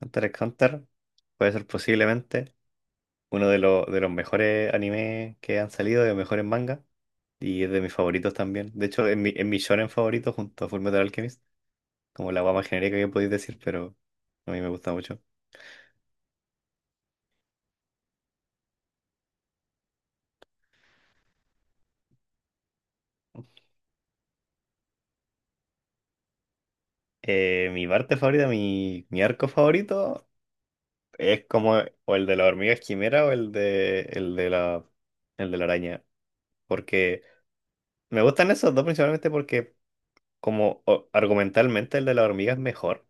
Hunter x Hunter puede ser posiblemente uno de los mejores animes que han salido, de los mejores mangas, y es de mis favoritos también. De hecho, es mi shonen favorito junto a Fullmetal Alchemist, como la guama genérica que podéis decir, pero a mí me gusta mucho. Mi parte favorita, mi arco favorito es como o el de la hormiga quimera o el de la araña. Porque me gustan esos dos principalmente porque como argumentalmente el de la hormiga es mejor.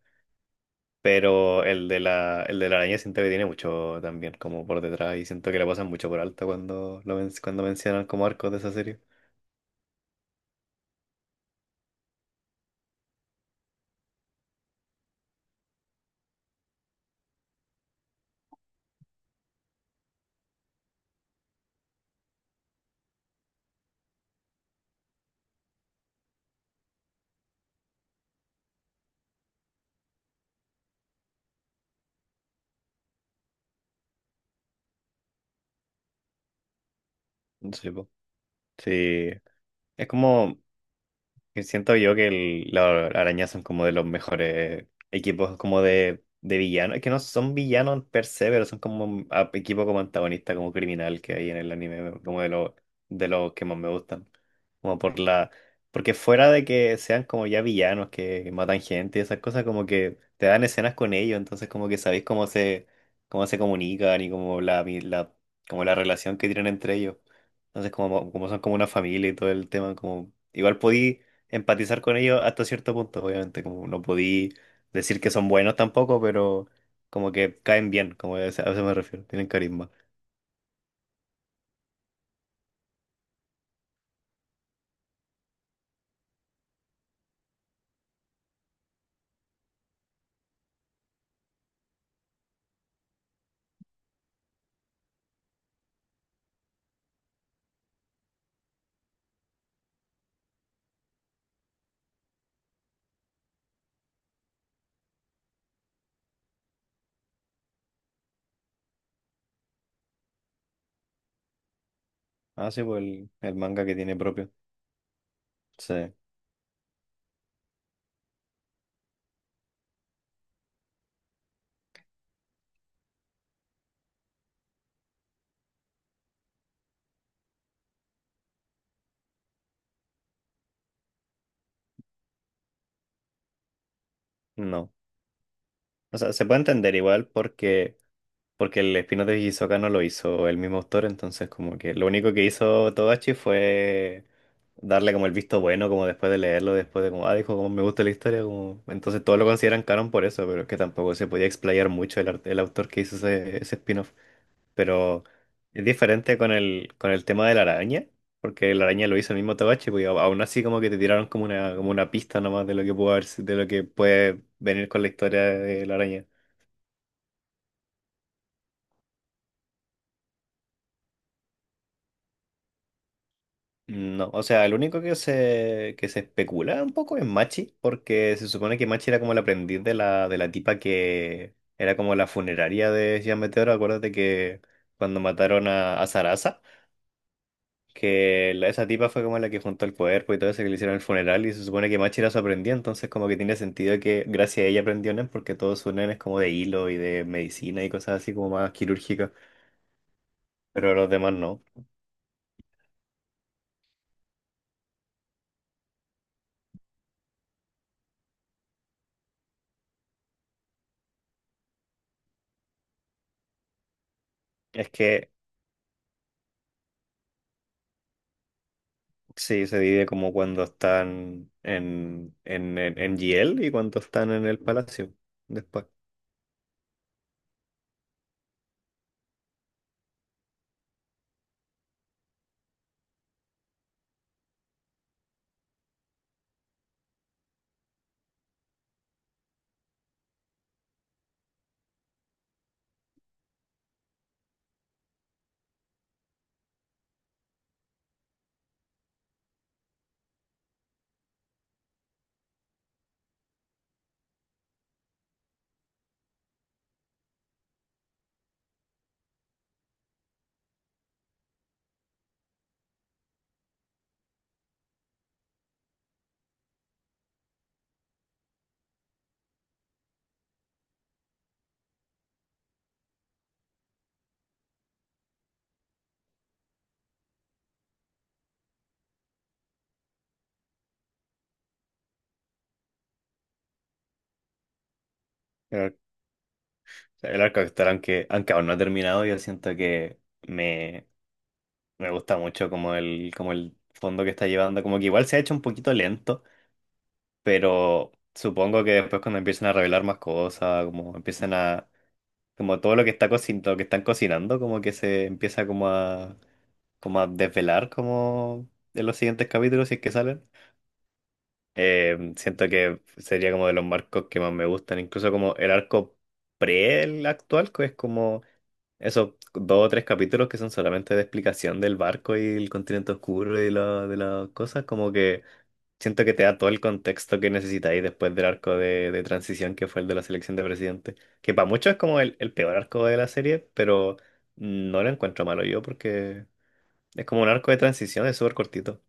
Pero el de la araña siento que tiene mucho también, como por detrás, y siento que le pasan mucho por alto cuando mencionan como arcos de esa serie. Sí, po. Sí. Es como, que siento yo que las arañas son como de los mejores equipos como de villanos. Es que no son villanos per se, pero son como un equipo como antagonista, como criminal que hay en el anime, como de los que más me gustan. Como por la. Porque fuera de que sean como ya villanos que matan gente y esas cosas, como que te dan escenas con ellos, entonces como que sabéis cómo se, comunican y como como la relación que tienen entre ellos. Entonces, como son como una familia y todo el tema, como igual podí empatizar con ellos hasta cierto punto, obviamente, como no podí decir que son buenos tampoco, pero como que caen bien, como a eso me refiero, tienen carisma. Ah, sí, pues el, manga que tiene propio. Sí, no. O sea, se puede entender igual porque el spin-off de Hisoka no lo hizo el mismo autor, entonces como que lo único que hizo Togashi fue darle como el visto bueno, como después de leerlo, después de como, ah, dijo, como me gusta la historia, como. Entonces todos lo consideran canon por eso, pero es que tampoco se podía explayar mucho el autor que hizo ese, spin-off. Pero es diferente con el tema de la araña, porque la araña lo hizo el mismo Togashi, pues, y aún así como que te tiraron como una pista nomás de lo que pudo haber, de lo que puede venir con la historia de la araña. No, o sea, el único que se, especula un poco es Machi, porque se supone que Machi era como el aprendiz de la, tipa que era como la funeraria de Gian Meteoro, acuérdate que cuando mataron a Sarasa. Que esa tipa fue como la que juntó el cuerpo y todo eso que le hicieron el funeral y se supone que Machi era su aprendiz, entonces como que tiene sentido que gracias a ella aprendió Nen porque todos sus Nen es como de hilo y de medicina y cosas así como más quirúrgicas, pero los demás no. Es que sí, se divide como cuando están en GL y cuando están en el palacio después. El, ar- el arco actoral, aunque aún no ha terminado, yo siento que me, me gusta mucho como el, fondo que está llevando, como que igual se ha hecho un poquito lento, pero supongo que después cuando empiecen a revelar más cosas, como empiezan a, como todo lo que está cocin lo que están cocinando, como que se empieza como a desvelar como en los siguientes capítulos si es que salen. Siento que sería como de los marcos que más me gustan, incluso como el arco pre el actual, que es como esos dos o tres capítulos que son solamente de explicación del barco y el continente oscuro y de las cosas, como que siento que te da todo el contexto que necesitáis después del arco de, transición que fue el de la selección de presidente, que para muchos es como el peor arco de la serie, pero no lo encuentro malo yo porque es como un arco de transición, es súper cortito.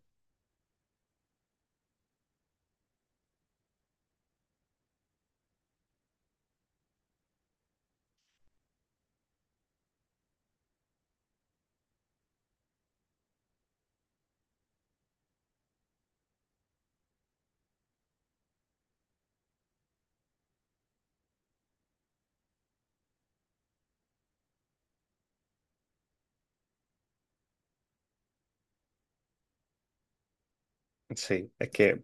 Sí, es que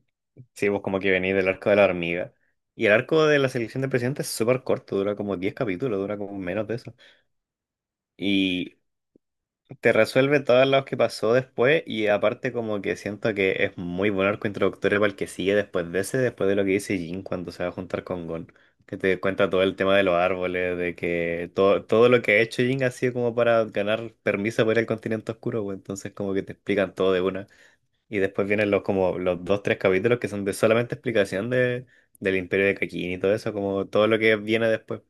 sí, vos como que venís del arco de la hormiga. Y el arco de la selección de presidente es súper corto, dura como 10 capítulos, dura como menos de eso. Y te resuelve todo lo que pasó después y aparte como que siento que es muy buen arco introductorio para el que sigue después de ese, después de lo que dice Jin cuando se va a juntar con Gon, que te cuenta todo el tema de los árboles, de que todo, todo lo que ha hecho Jin ha sido como para ganar permiso para ir al continente oscuro, pues, entonces como que te explican todo de una. Y después vienen los como los dos, tres capítulos que son de solamente explicación del Imperio de Kakin y todo eso, como todo lo que viene después.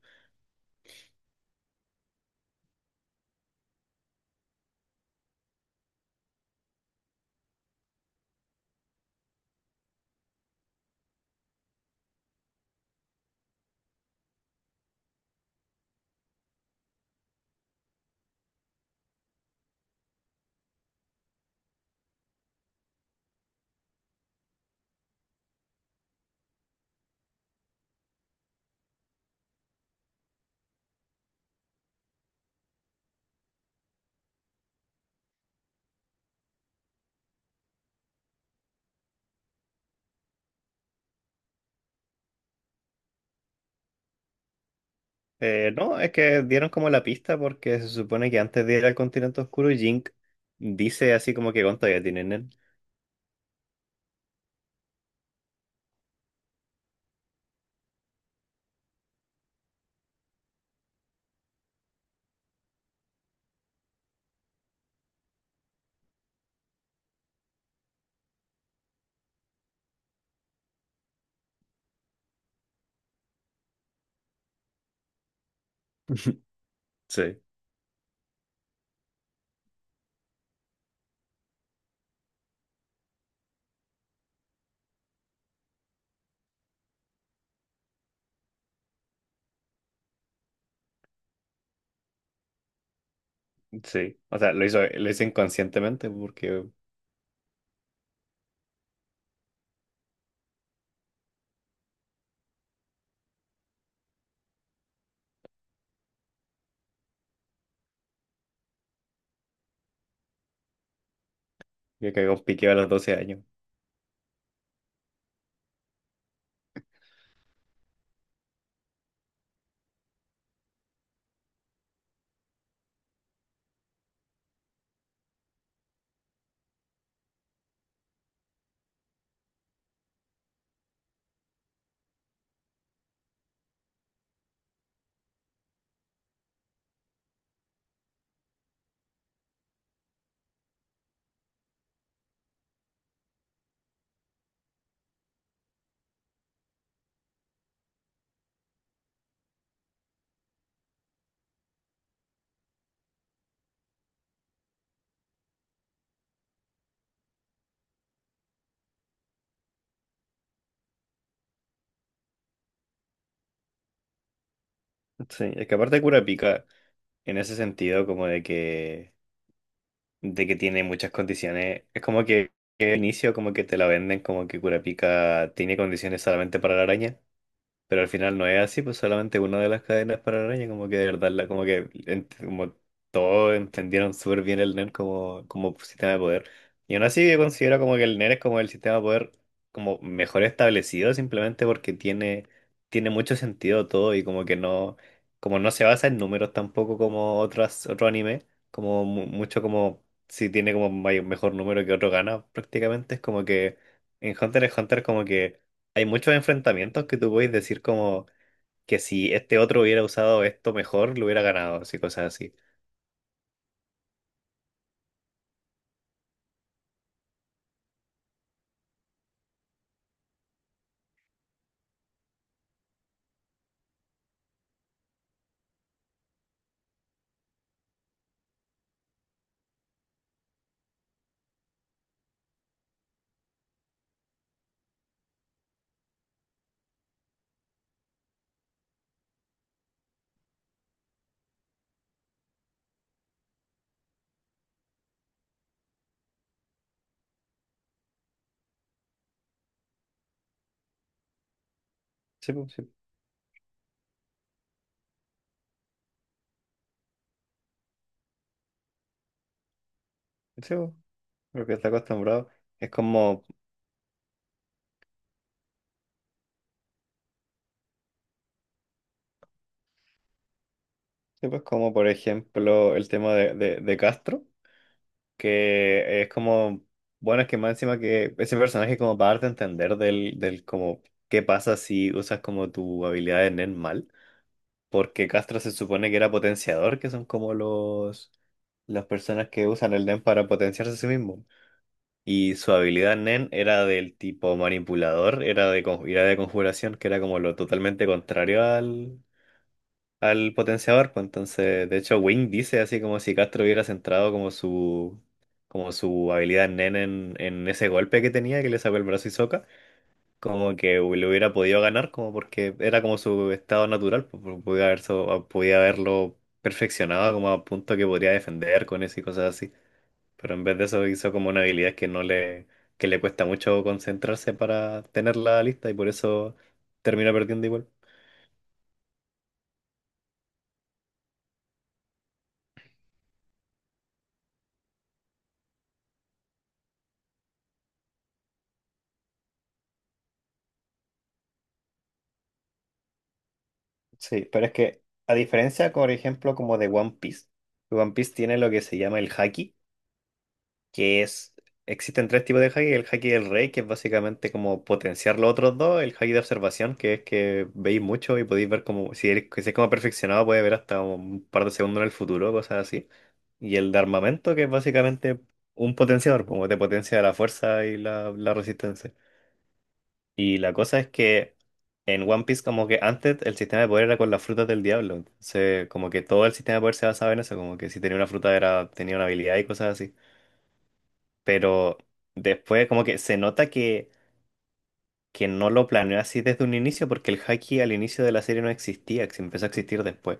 No, es que dieron como la pista porque se supone que antes de ir al continente oscuro, Jink dice así como que Gon todavía tiene Nen. Sí, sí. O sea, lo hizo inconscientemente porque vio que Gon piqueó a los 12 años. Sí, es que aparte Kurapika, en ese sentido, como de que, tiene muchas condiciones, es como que al inicio como que te la venden como que Kurapika tiene condiciones solamente para la araña. Pero al final no es así, pues solamente una de las cadenas para la araña, como que de verdad, la, como que como todos entendieron súper bien el NER como, sistema de poder. Y aún así yo considero como que el NER es como el sistema de poder como mejor establecido, simplemente porque tiene mucho sentido todo y como que no, como no se basa en números tampoco como otras, otro anime, como mucho como si tiene como mejor número que otro gana, prácticamente es como que en Hunter x Hunter como que hay muchos enfrentamientos que tú puedes decir como que si este otro hubiera usado esto mejor, lo hubiera ganado, así cosas así. Sí, pues, sí, sí, pues, lo que está acostumbrado. Es como, sí, pues, como por ejemplo el tema de, Castro, que es como, bueno, es que más encima que ese personaje como para darte a entender del como qué pasa si usas como tu habilidad de Nen mal, porque Castro se supone que era potenciador, que son como los las personas que usan el Nen para potenciarse a sí mismo. Y su habilidad Nen era del tipo manipulador, era de, era de conjuración, que era como lo totalmente contrario al, potenciador. Pues entonces, de hecho, Wing dice así como si Castro hubiera centrado como su, habilidad Nen en ese golpe que tenía, que le sacó el brazo y soca, como que le hubiera podido ganar, como porque era como su estado natural, pues, podía haberlo perfeccionado como a punto que podría defender con eso y cosas así. Pero en vez de eso hizo como una habilidad que no le, que le cuesta mucho concentrarse para tenerla lista y por eso termina perdiendo igual. Sí, pero es que a diferencia, por ejemplo, como de One Piece, One Piece tiene lo que se llama el haki, que es, existen tres tipos de haki, el haki del rey, que es básicamente como potenciar los otros dos, el haki de observación, que es que veis mucho y podéis ver como, si es como perfeccionado, puede ver hasta un par de segundos en el futuro, cosas así. Y el de armamento, que es básicamente un potenciador, como te potencia la fuerza y la resistencia. Y la cosa es que en One Piece, como que antes el sistema de poder era con las frutas del diablo. Entonces, como que todo el sistema de poder se basaba en eso, como que si tenía una fruta era, tenía una habilidad y cosas así. Pero después como que se nota que no lo planeó así desde un inicio porque el haki al inicio de la serie no existía, que se empezó a existir después.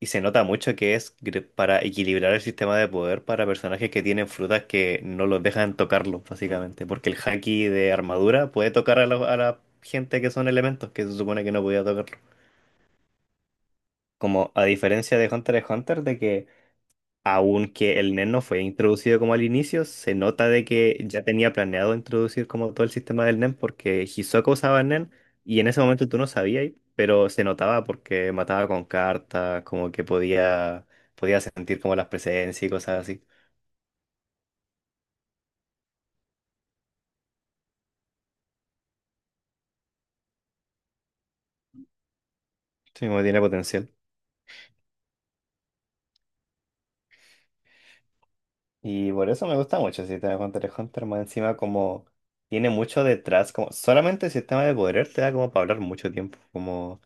Y se nota mucho que es para equilibrar el sistema de poder para personajes que tienen frutas que no los dejan tocarlo básicamente, porque el haki de armadura puede tocar a la gente que son elementos, que se supone que no podía tocarlo. Como a diferencia de Hunter x Hunter, de que aunque el NEN no fue introducido como al inicio, se nota de que ya tenía planeado introducir como todo el sistema del NEN porque Hisoka usaba NEN y en ese momento tú no sabías, pero se notaba porque mataba con cartas, como que podía sentir como las presencias y cosas así. Sí, como tiene potencial. Y por eso me gusta mucho el sistema de Hunter x Hunter, más encima como tiene mucho detrás, como solamente el sistema de poder te da como para hablar mucho tiempo, como,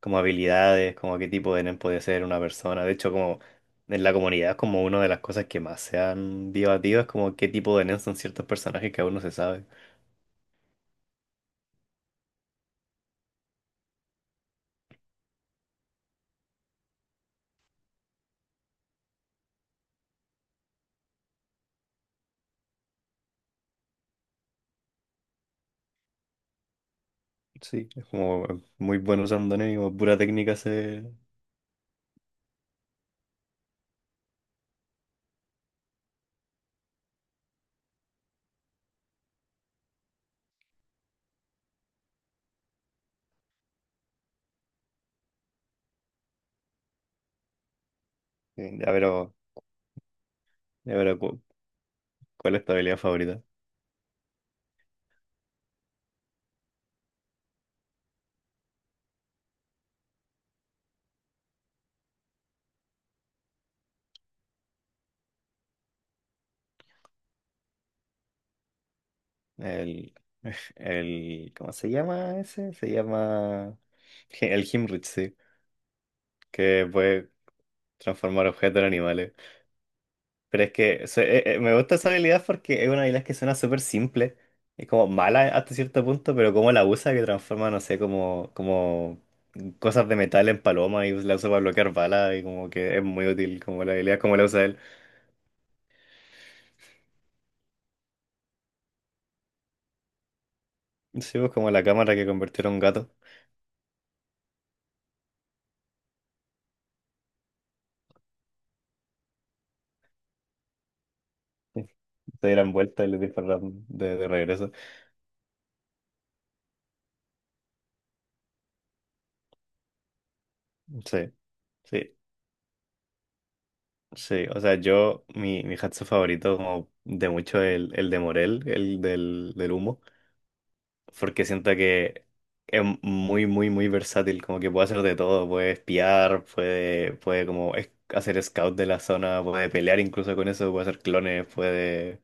como habilidades, como qué tipo de nen puede ser una persona. De hecho, como en la comunidad es como una de las cosas que más se han debatido, es como qué tipo de nen son ciertos personajes que aún no se sabe. Sí, es como muy bueno usando nen y como pura técnica se. Ya, pero, ya, pero, ¿cuál es tu habilidad favorita? El, el, ¿cómo se llama ese? Se llama el Himrich, sí, que puede transformar objetos en animales. Pero es que me gusta esa habilidad porque es una habilidad que suena súper simple. Es como mala hasta cierto punto, pero como la usa que transforma, no sé, como, cosas de metal en paloma y la usa para bloquear balas y como que es muy útil como la habilidad como la usa él. Sí, pues como la cámara que convirtió en un gato. Sí. Se dieran vuelta y le dispararan de, regreso. Sí. Sí, sí, o sea, yo, mi hatsu favorito como de mucho es el, de Morel, el del humo, porque siento que es muy, muy, muy versátil, como que puede hacer de todo, puede espiar, puede, como hacer scout de la zona, puede pelear incluso con eso, puede hacer clones, puede,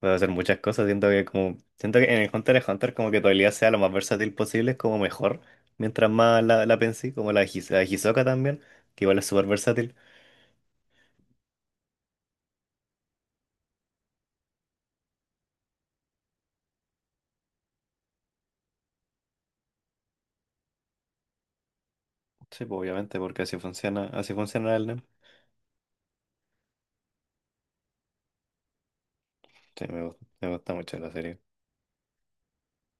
puede hacer muchas cosas, siento que como, siento que en el Hunter x Hunter como que tu habilidad sea lo más versátil posible, es como mejor, mientras más la pensé, como la Hisoka también, que igual es súper versátil. Sí, pues obviamente, porque así funciona el NEM. Sí, me gusta, mucho la serie.